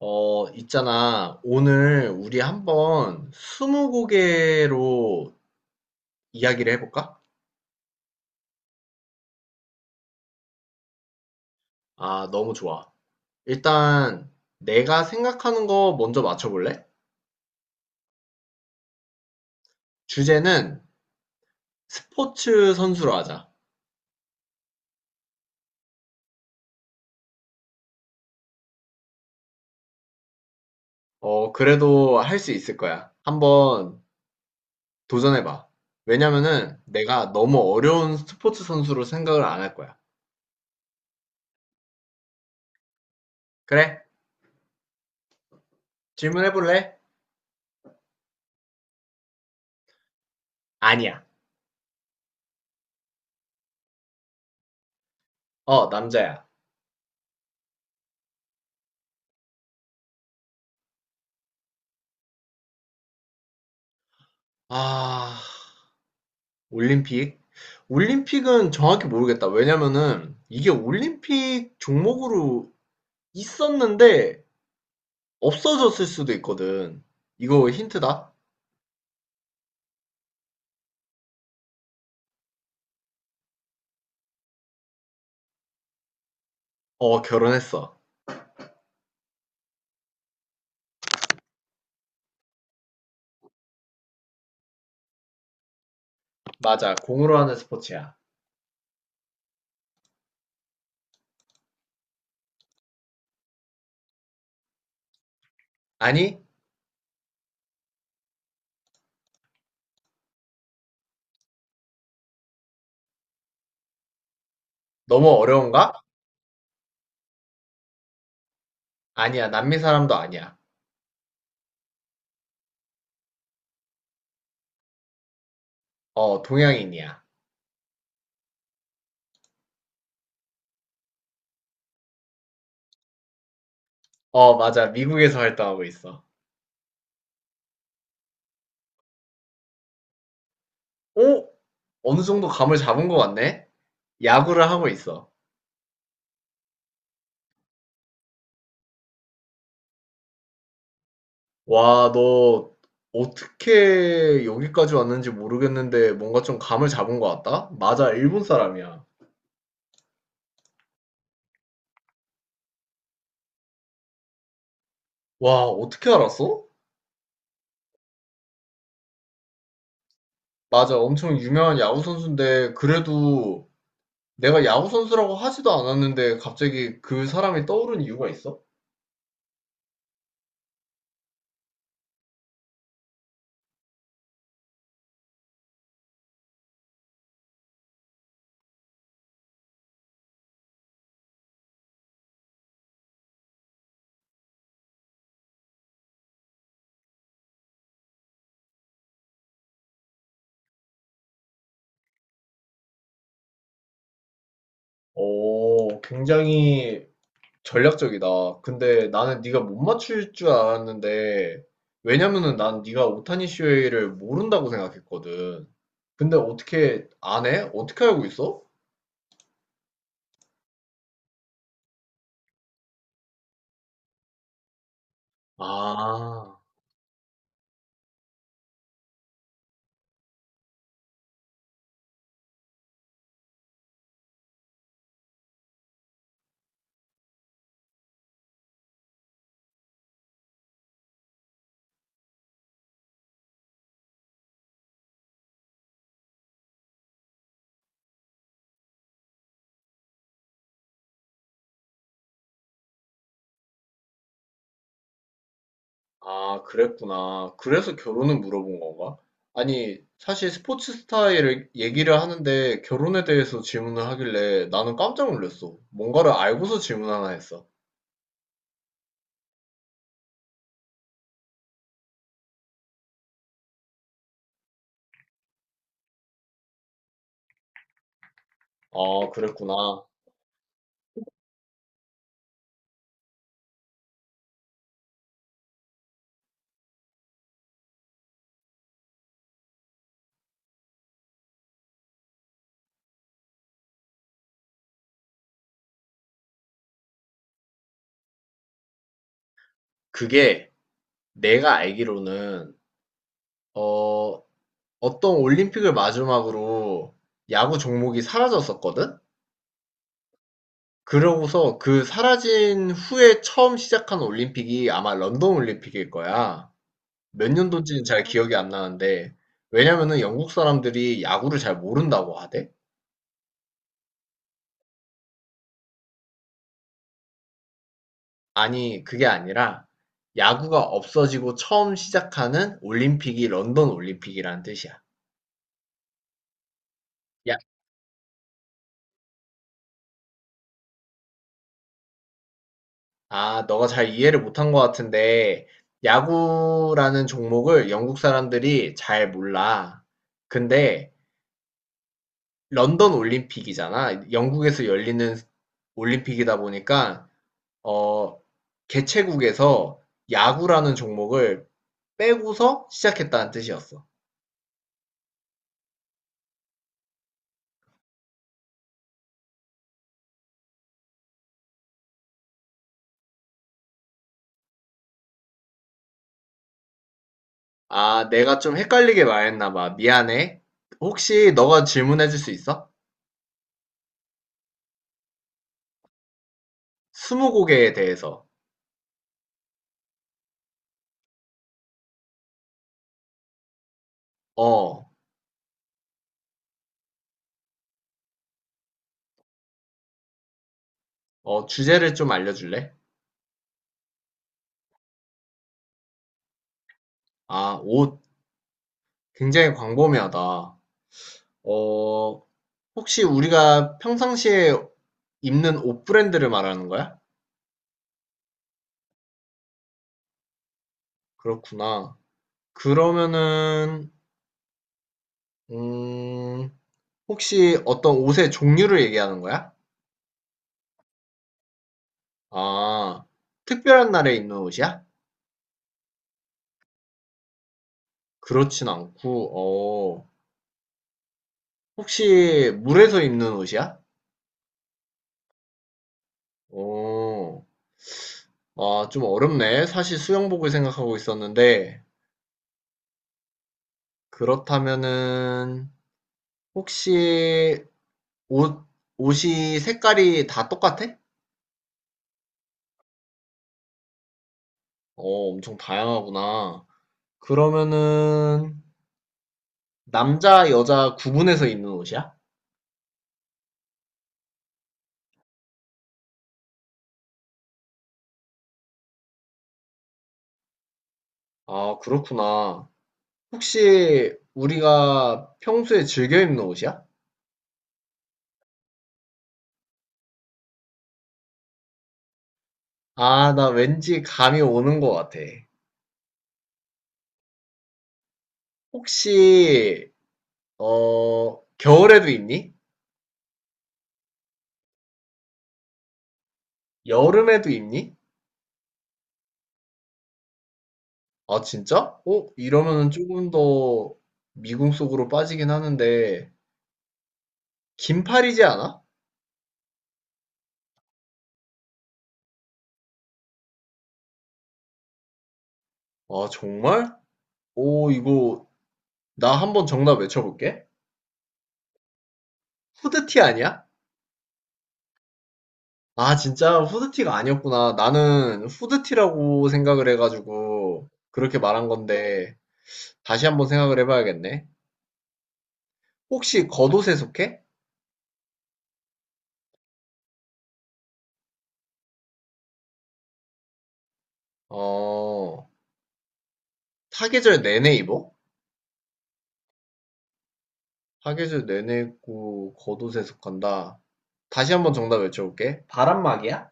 있잖아. 오늘 우리 한번 스무고개로 이야기를 해볼까? 아, 너무 좋아. 일단 내가 생각하는 거 먼저 맞춰볼래? 주제는 스포츠 선수로 하자. 그래도 할 수 있을 거야. 한번 도전해봐. 왜냐면은 내가 너무 어려운 스포츠 선수로 생각을 안 할 거야. 그래? 질문해볼래? 아니야. 어, 남자야. 아, 올림픽? 올림픽은 정확히 모르겠다. 왜냐면은 이게 올림픽 종목으로 있었는데 없어졌을 수도 있거든. 이거 힌트다? 어, 결혼했어. 맞아. 공으로 하는 스포츠야. 아니? 너무 어려운가? 아니야. 남미 사람도 아니야. 어, 동양인이야. 어, 맞아. 미국에서 활동하고 있어. 오? 어느 정도 감을 잡은 것 같네? 야구를 하고 있어. 와, 너 어떻게 여기까지 왔는지 모르겠는데 뭔가 좀 감을 잡은 것 같다? 맞아, 일본 사람이야. 와, 어떻게 알았어? 맞아, 엄청 유명한 야구 선수인데 그래도 내가 야구 선수라고 하지도 않았는데 갑자기 그 사람이 떠오른 이유가 있어? 오, 굉장히 전략적이다. 근데 나는 네가 못 맞출 줄 알았는데 왜냐면은 난 네가 오타니 슈헤이를 모른다고 생각했거든. 근데 어떻게 안 해? 어떻게 알고 있어? 아, 아, 그랬구나. 그래서 결혼을 물어본 건가? 아니, 사실 스포츠 스타일을 얘기를 하는데 결혼에 대해서 질문을 하길래 나는 깜짝 놀랐어. 뭔가를 알고서 질문하나 했어. 아, 그랬구나. 그게 내가 알기로는, 어, 어떤 올림픽을 마지막으로 야구 종목이 사라졌었거든? 그러고서 그 사라진 후에 처음 시작한 올림픽이 아마 런던 올림픽일 거야. 몇 년도인지는 잘 기억이 안 나는데, 왜냐면은 영국 사람들이 야구를 잘 모른다고 하대? 아니, 그게 아니라, 야구가 없어지고 처음 시작하는 올림픽이 런던 올림픽이라는 뜻이야. 야, 아, 너가 잘 이해를 못한 것 같은데, 야구라는 종목을 영국 사람들이 잘 몰라. 근데, 런던 올림픽이잖아. 영국에서 열리는 올림픽이다 보니까, 어, 개최국에서 야구라는 종목을 빼고서 시작했다는 뜻이었어. 아, 내가 좀 헷갈리게 말했나 봐. 미안해. 혹시 너가 질문해 줄 수 있어? 스무고개에 대해서. 어, 주제를 좀 알려줄래? 아, 옷. 굉장히 광범위하다. 어, 혹시 우리가 평상시에 입는 옷 브랜드를 말하는 거야? 그렇구나. 그러면은, 음, 혹시 어떤 옷의 종류를 얘기하는 거야? 아, 특별한 날에 입는 옷이야? 그렇진 않고, 혹시 물에서 입는 옷이야? 어, 아, 좀 어렵네. 사실 수영복을 생각하고 있었는데, 그렇다면은, 혹시 옷, 옷이 색깔이 다 똑같아? 어, 엄청 다양하구나. 그러면은, 남자, 여자 구분해서 입는 옷이야? 아, 그렇구나. 혹시 우리가 평소에 즐겨 입는 옷이야? 아, 나 왠지 감이 오는 것 같아. 혹시 어 겨울에도 입니? 여름에도 입니? 아 진짜? 어 이러면은 조금 더 미궁 속으로 빠지긴 하는데 긴팔이지 않아? 아 정말? 오 이거 나 한번 정답 외쳐볼게. 후드티 아니야? 아 진짜 후드티가 아니었구나. 나는 후드티라고 생각을 해가지고 그렇게 말한 건데 다시 한번 생각을 해봐야겠네. 혹시 겉옷에 속해? 어 사계절 내내 입어? 사계절 내내고 겉옷에 속한다. 다시 한번 정답 외쳐볼게. 바람막이야?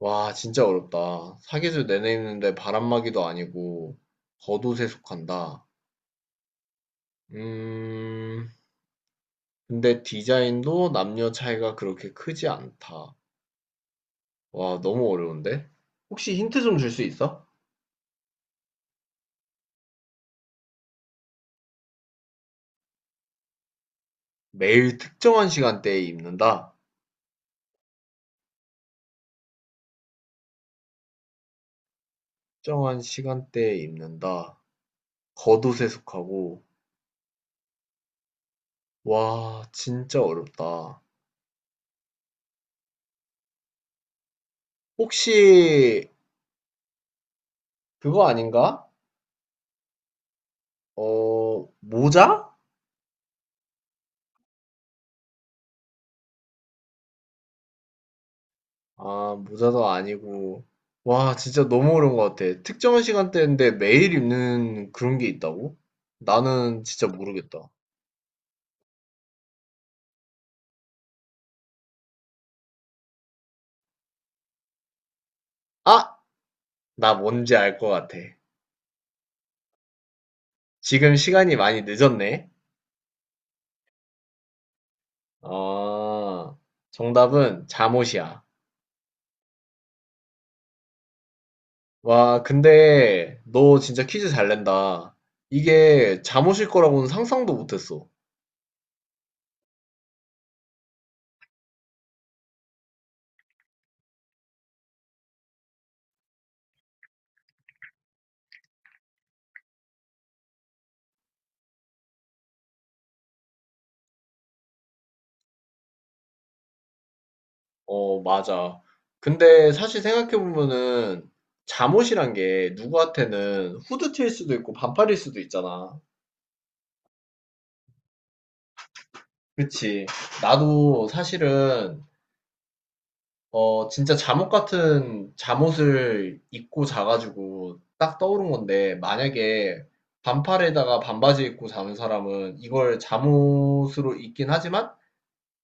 와, 진짜 어렵다. 사계절 내내 입는데 바람막이도 아니고 겉옷에 속한다. 음, 근데 디자인도 남녀 차이가 그렇게 크지 않다. 와, 너무 어려운데? 혹시 힌트 좀 줄 수 있어? 매일 특정한 시간대에 입는다. 특정한 시간대에 입는다. 겉옷에 속하고. 와, 진짜 어렵다. 혹시 그거 아닌가? 어, 모자? 아, 모자도 아니고. 와, 진짜 너무 어려운 것 같아. 특정한 시간대인데 매일 입는 그런 게 있다고? 나는 진짜 모르겠다. 아! 나 뭔지 알 것 같아. 지금 시간이 많이 늦었네. 아, 정답은 잠옷이야. 와, 근데 너 진짜 퀴즈 잘 낸다. 이게 잠옷일 거라고는 상상도 못했어. 어, 맞아. 근데 사실 생각해보면은 잠옷이란 게 누구한테는 후드티일 수도 있고 반팔일 수도 있잖아. 그치. 나도 사실은, 진짜 잠옷 같은 잠옷을 입고 자가지고 딱 떠오른 건데, 만약에 반팔에다가 반바지 입고 자는 사람은 이걸 잠옷으로 입긴 하지만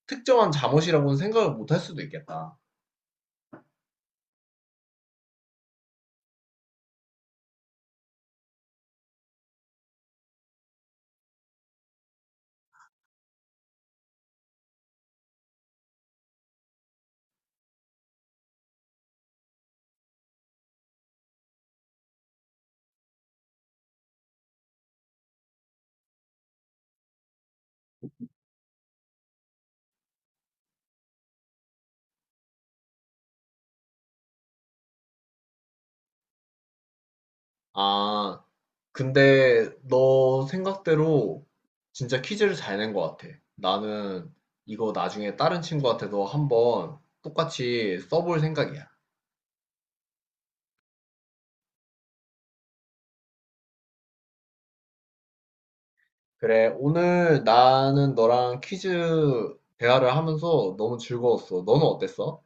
특정한 잠옷이라고는 생각을 못할 수도 있겠다. 아, 근데 너 생각대로 진짜 퀴즈를 잘 낸 것 같아. 나는 이거 나중에 다른 친구한테도 한번 똑같이 써볼 생각이야. 그래, 오늘 나는 너랑 퀴즈 대화를 하면서 너무 즐거웠어. 너는 어땠어?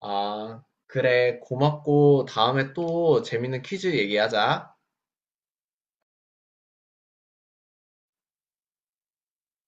아, 그래, 고맙고 다음에 또 재밌는 퀴즈 얘기하자.